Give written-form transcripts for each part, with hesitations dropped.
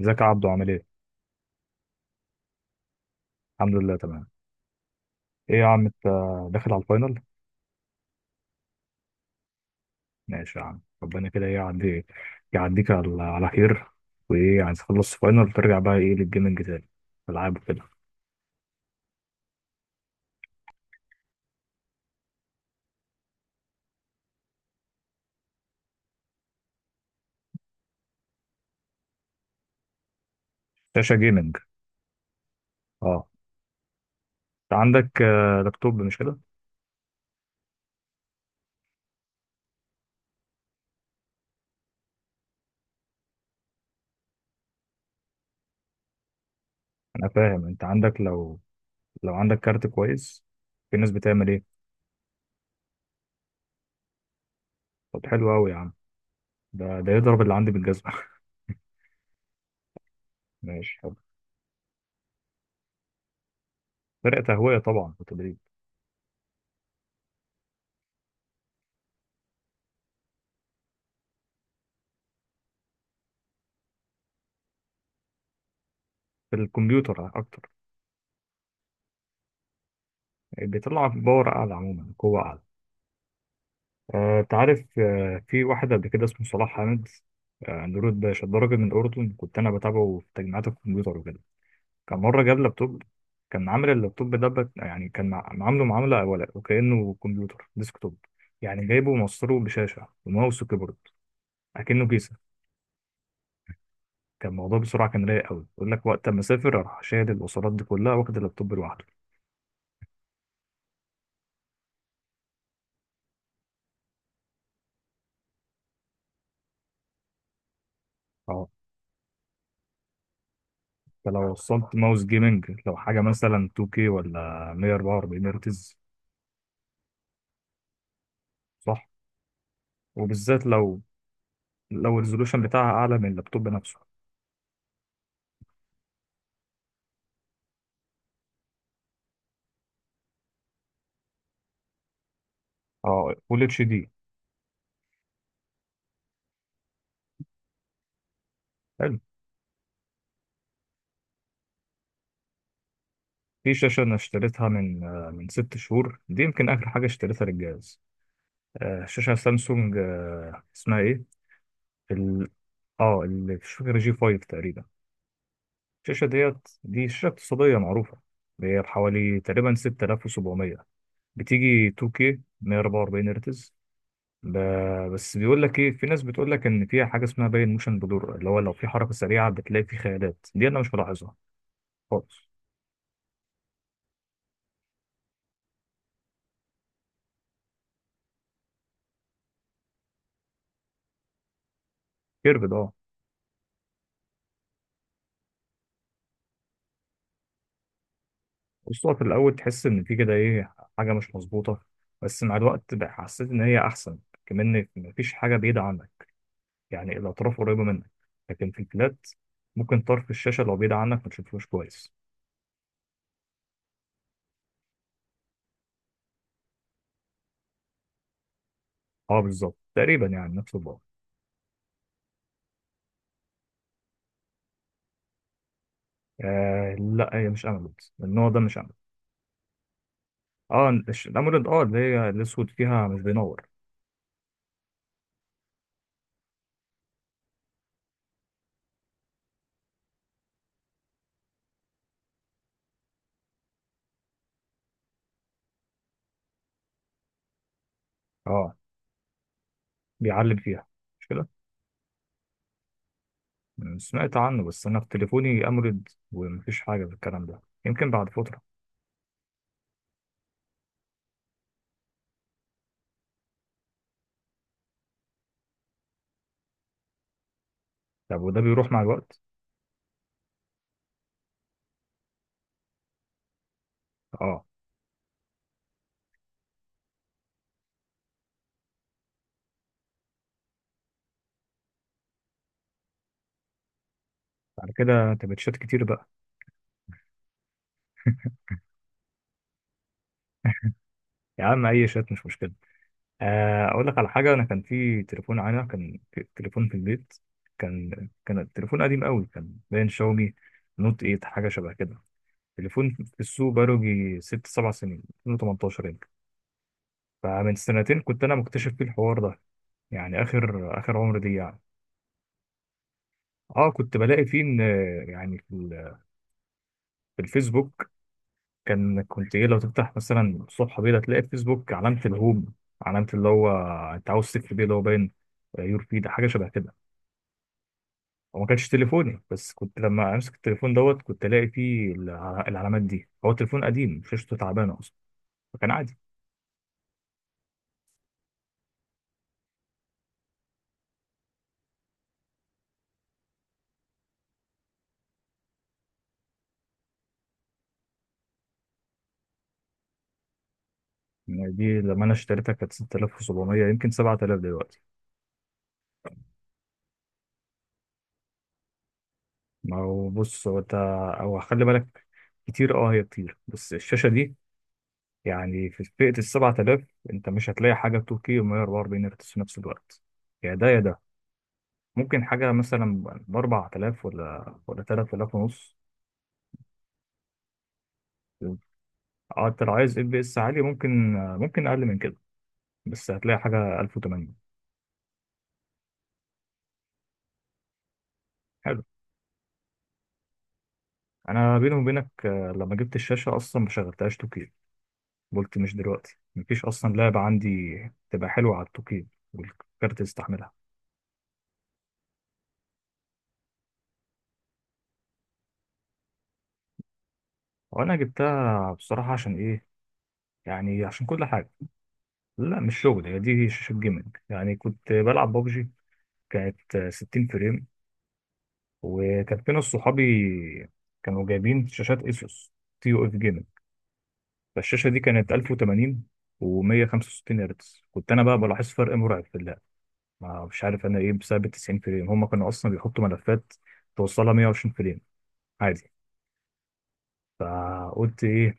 ازيك يا عبدو عامل ايه؟ الحمد لله تمام. ايه يا عم انت داخل على الفاينل؟ ماشي يا عم، ربنا كده ايه، يعدي يعديك على خير. وايه، عايز تخلص فاينل ترجع بقى ايه للجيمنج تاني، العاب وكده. شاشة جيمنج اه. انت عندك لابتوب مش كده؟ انا فاهم، انت عندك لو عندك كارت كويس، في ناس بتعمل ايه؟ طب حلو قوي يا عم، ده يضرب اللي عندي بالجزمة. ماشي حلو. فرق تهوية طبعا وتدريب. في الكمبيوتر اكتر، بيطلع باور اعلى عموما، قوة اعلى. أنت عارف، في واحد قبل كده اسمه صلاح حامد، نورد باشا، ده راجل من الأردن، كنت أنا بتابعه في تجميعات الكمبيوتر وكده. كان مرة جاب لابتوب، كان عامل اللابتوب ده عامله معاملة ولا وكأنه كمبيوتر ديسكتوب، يعني جايبه وموصله بشاشة وماوس وكيبورد، أكنه كيسة. كان الموضوع بسرعة، كان رايق أوي يقول لك وقت ما أسافر أروح شايل الوصلات دي كلها واخد اللابتوب لوحده. أه، فلو وصلت ماوس جيمنج، لو حاجة مثلا 2K ولا 144 هرتز. صح، وبالذات لو الريزولوشن بتاعها اعلى من اللابتوب نفسه. اه فول اتش دي. حلو. في شاشه انا اشتريتها من من ست شهور، دي يمكن اخر حاجه اشتريتها للجهاز. شاشه سامسونج، اسمها ايه، ال... اه اللي مش فاكر، جي 5 تقريبا. الشاشه دي شاشه اقتصاديه معروفه، هي بحوالي تقريبا 6700، بتيجي 2K 144 هرتز. ب... بس بيقول لك ايه، في ناس بتقول لك ان فيها حاجه اسمها باين موشن بلور، اللي هو لو في حركه سريعه بتلاقي في خيالات، دي انا مش ملاحظها خالص. كيربد اه. بص هو في الاول تحس ان في كده ايه حاجه مش مظبوطه، بس مع الوقت بقى حسيت ان هي احسن، كمان إن مفيش حاجه بعيده عنك، يعني الاطراف قريبه منك. لكن في الفلات ممكن طرف الشاشه لو بعيد عنك ما تشوفوش كويس. اه بالظبط، تقريبا يعني نفس البعد. آه لا، هي مش اموليد، النوع ده مش اموليد. اه الاموليد، اه اللي هي الاسود فيها مش بينور. اه، بيعلم فيها، مش كده؟ أنا سمعت عنه، بس انا في تليفوني اموليد ومفيش حاجه في الكلام ده، يمكن بعد فتره. طب وده بيروح مع الوقت؟ اه. بعد كده تبقى شات كتير بقى. يا عم اي شات مش مشكله. اقول لك على حاجه، انا كان في تليفون في البيت، كان التليفون قديم قوي، كان باين شاومي نوت 8 حاجه شبه كده، تليفون في السوق بقاله يجي ست سبع سنين، 2018 يمكن. فمن سنتين كنت انا مكتشف فيه الحوار ده، يعني اخر اخر عمر دي يعني. اه كنت بلاقي فيه ان، يعني في الفيسبوك، كنت ايه، لو تفتح مثلا الصفحه بيضاء تلاقي في فيسبوك علامه الهوم، علامه اللي هو انت عاوز تكتب ايه، اللي هو باين يور فيد حاجه شبه كده. هو ما كانش تليفوني، بس كنت لما امسك التليفون دوت كنت الاقي فيه العلامات دي، هو تليفون قديم شاشته تعبانه اصلا، فكان عادي. يعني دي لما انا اشتريتها كانت 6700، يمكن 7000 دلوقتي. ما هو بص، هو خلي بالك، كتير اه، هي كتير، بس الشاشه دي يعني في فئة السبعة آلاف، أنت مش هتلاقي حاجة 2K و144 هرتز في نفس الوقت. يا ده يا ده، ممكن حاجة مثلا بأربعة آلاف ولا تلات آلاف ونص. اه، أنت لو عايز اف بي اس عالي، ممكن أقل من كده، بس هتلاقي حاجة 1080. حلو. أنا بيني وبينك، لما جبت الشاشة أصلا ما شغلتهاش 2K، قلت مش دلوقتي، مفيش أصلا لعبة عندي تبقى حلوة على 2K والكارت يستحملها. وأنا جبتها بصراحة عشان إيه؟ يعني عشان كل حاجة. لا مش شغل، هي دي شاشة جيمنج يعني، كنت بلعب بابجي، كانت 60 فريم، وكان في ناس صحابي كانوا جايبين شاشات اسوس تي يو اف جيمنج، فالشاشة دي كانت 1080 و165 هرتز، كنت انا بقى بلاحظ فرق مرعب في اللعب. ما مش عارف انا ايه، بسبب ال 90 فريم، هم كانوا اصلا بيحطوا ملفات توصلها 120 فريم عادي. فقلت ايه،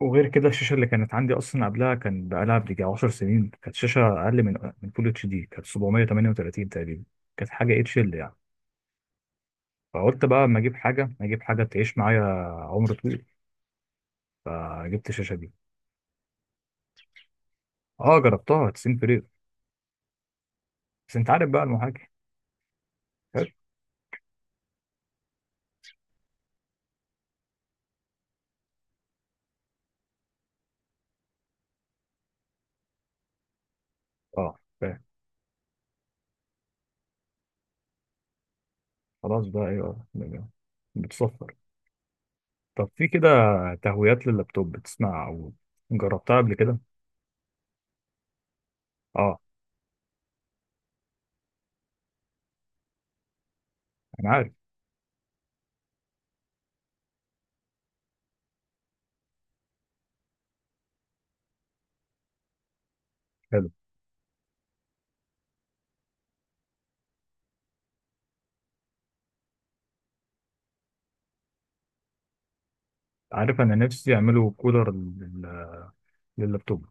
وغير كده الشاشه اللي كانت عندي اصلا قبلها كان بقالها بيجي 10 سنين، كانت شاشه اقل من فول اتش دي، كانت 738 تقريبا، كانت حاجه اتش ال يعني. فقلت بقى اما اجيب حاجه تعيش معايا عمر طويل، فجبت الشاشه دي. اه جربتها 90 فريم. بس انت عارف بقى المحاكي. حلو. اه فاهم. خلاص بقى ايوه، بتصفر. طب في كده تهويات لللابتوب بتسمع، او جربتها قبل كده؟ اه انا عارف. حلو. عارف انا نفسي يعملوا كولر لللابتوب،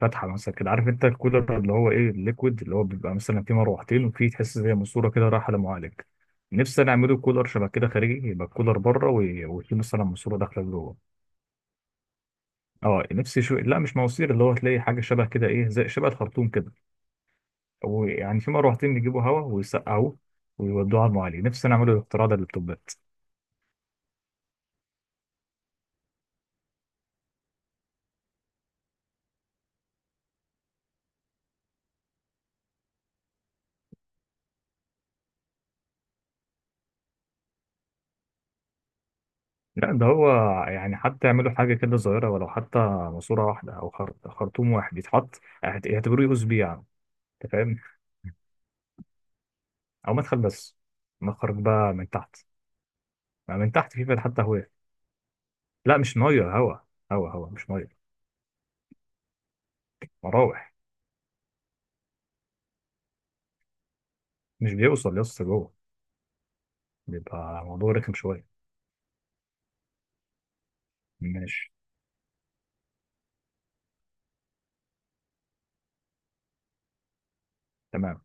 فاتحه مثلا كده، عارف انت الكولر اللي هو ايه، الليكويد اللي هو بيبقى مثلا فيه مروحتين وفيه تحس زي ماسوره كده رايحه للمعالج. نفسي انا اعمله كولر شبه كده خارجي، يبقى الكولر بره وفيه مثلا ماسوره داخله جوه. اه نفسي شو، لا مش مواسير، اللي هو تلاقي حاجه شبه كده ايه، زي شبه الخرطوم كده، ويعني في مروحتين يجيبوا هواء ويسقعوه ويودوه على المعالج. نفسي انا اعمله الاختراع ده لللابتوبات. لا ده هو، يعني حتى يعملوا حاجه كده صغيره، ولو حتى ماسوره واحده او خرطوم واحد يتحط، يعتبروه يو اس بي يعني. انت فاهم، او مدخل بس، نخرج بقى من تحت. ما من تحت في بقى حتى هواء، لا مش ميه، هوا. هوا هوا مش ميه. مراوح. مش بيوصل يا اسطى جوه، بيبقى الموضوع رخم شويه. ماشي تمام.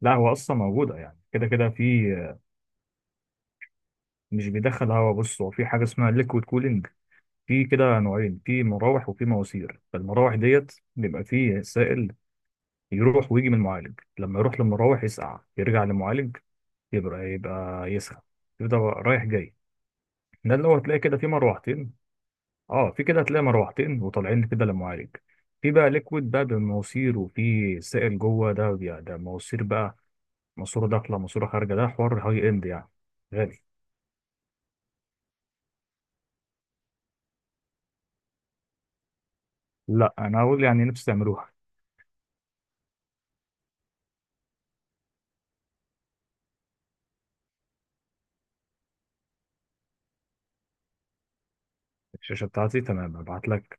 لا هو اصلا موجوده، يعني كده كده في. مش بيدخل هوا، بص هو في حاجه اسمها ليكويد كولينج، في كده نوعين، في مراوح وفي مواسير. فالمراوح ديت بيبقى فيه سائل يروح ويجي من المعالج، لما يروح للمراوح يسقع يرجع للمعالج، يبقى يسخن، يبقى رايح جاي. ده اللي هو هتلاقي كده في مروحتين، اه في كده هتلاقي مروحتين وطالعين كده للمعالج. في بقى ليكويد بقى بمواسير، وفي سائل جوه، ده ده مواسير بقى، ماسوره داخله ماسوره خارجه، ده حوار هاي اند يعني، غالي. لا انا هقول يعني نفسي تعملوها. الشاشه بتاعتي تمام هبعت لك.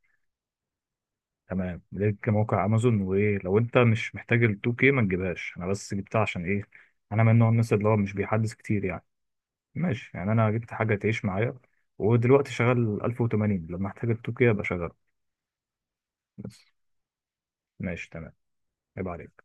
تمام ليك موقع امازون، وايه، لو انت مش محتاج ال 2K ما تجيبهاش، انا بس جبتها عشان ايه، انا من نوع الناس اللي هو مش بيحدث كتير يعني. ماشي، يعني انا جبت حاجه تعيش معايا، ودلوقتي شغال 1080، لما احتاج ال 2K ابقى شغال. بس. ماشي تمام، عيب عليك.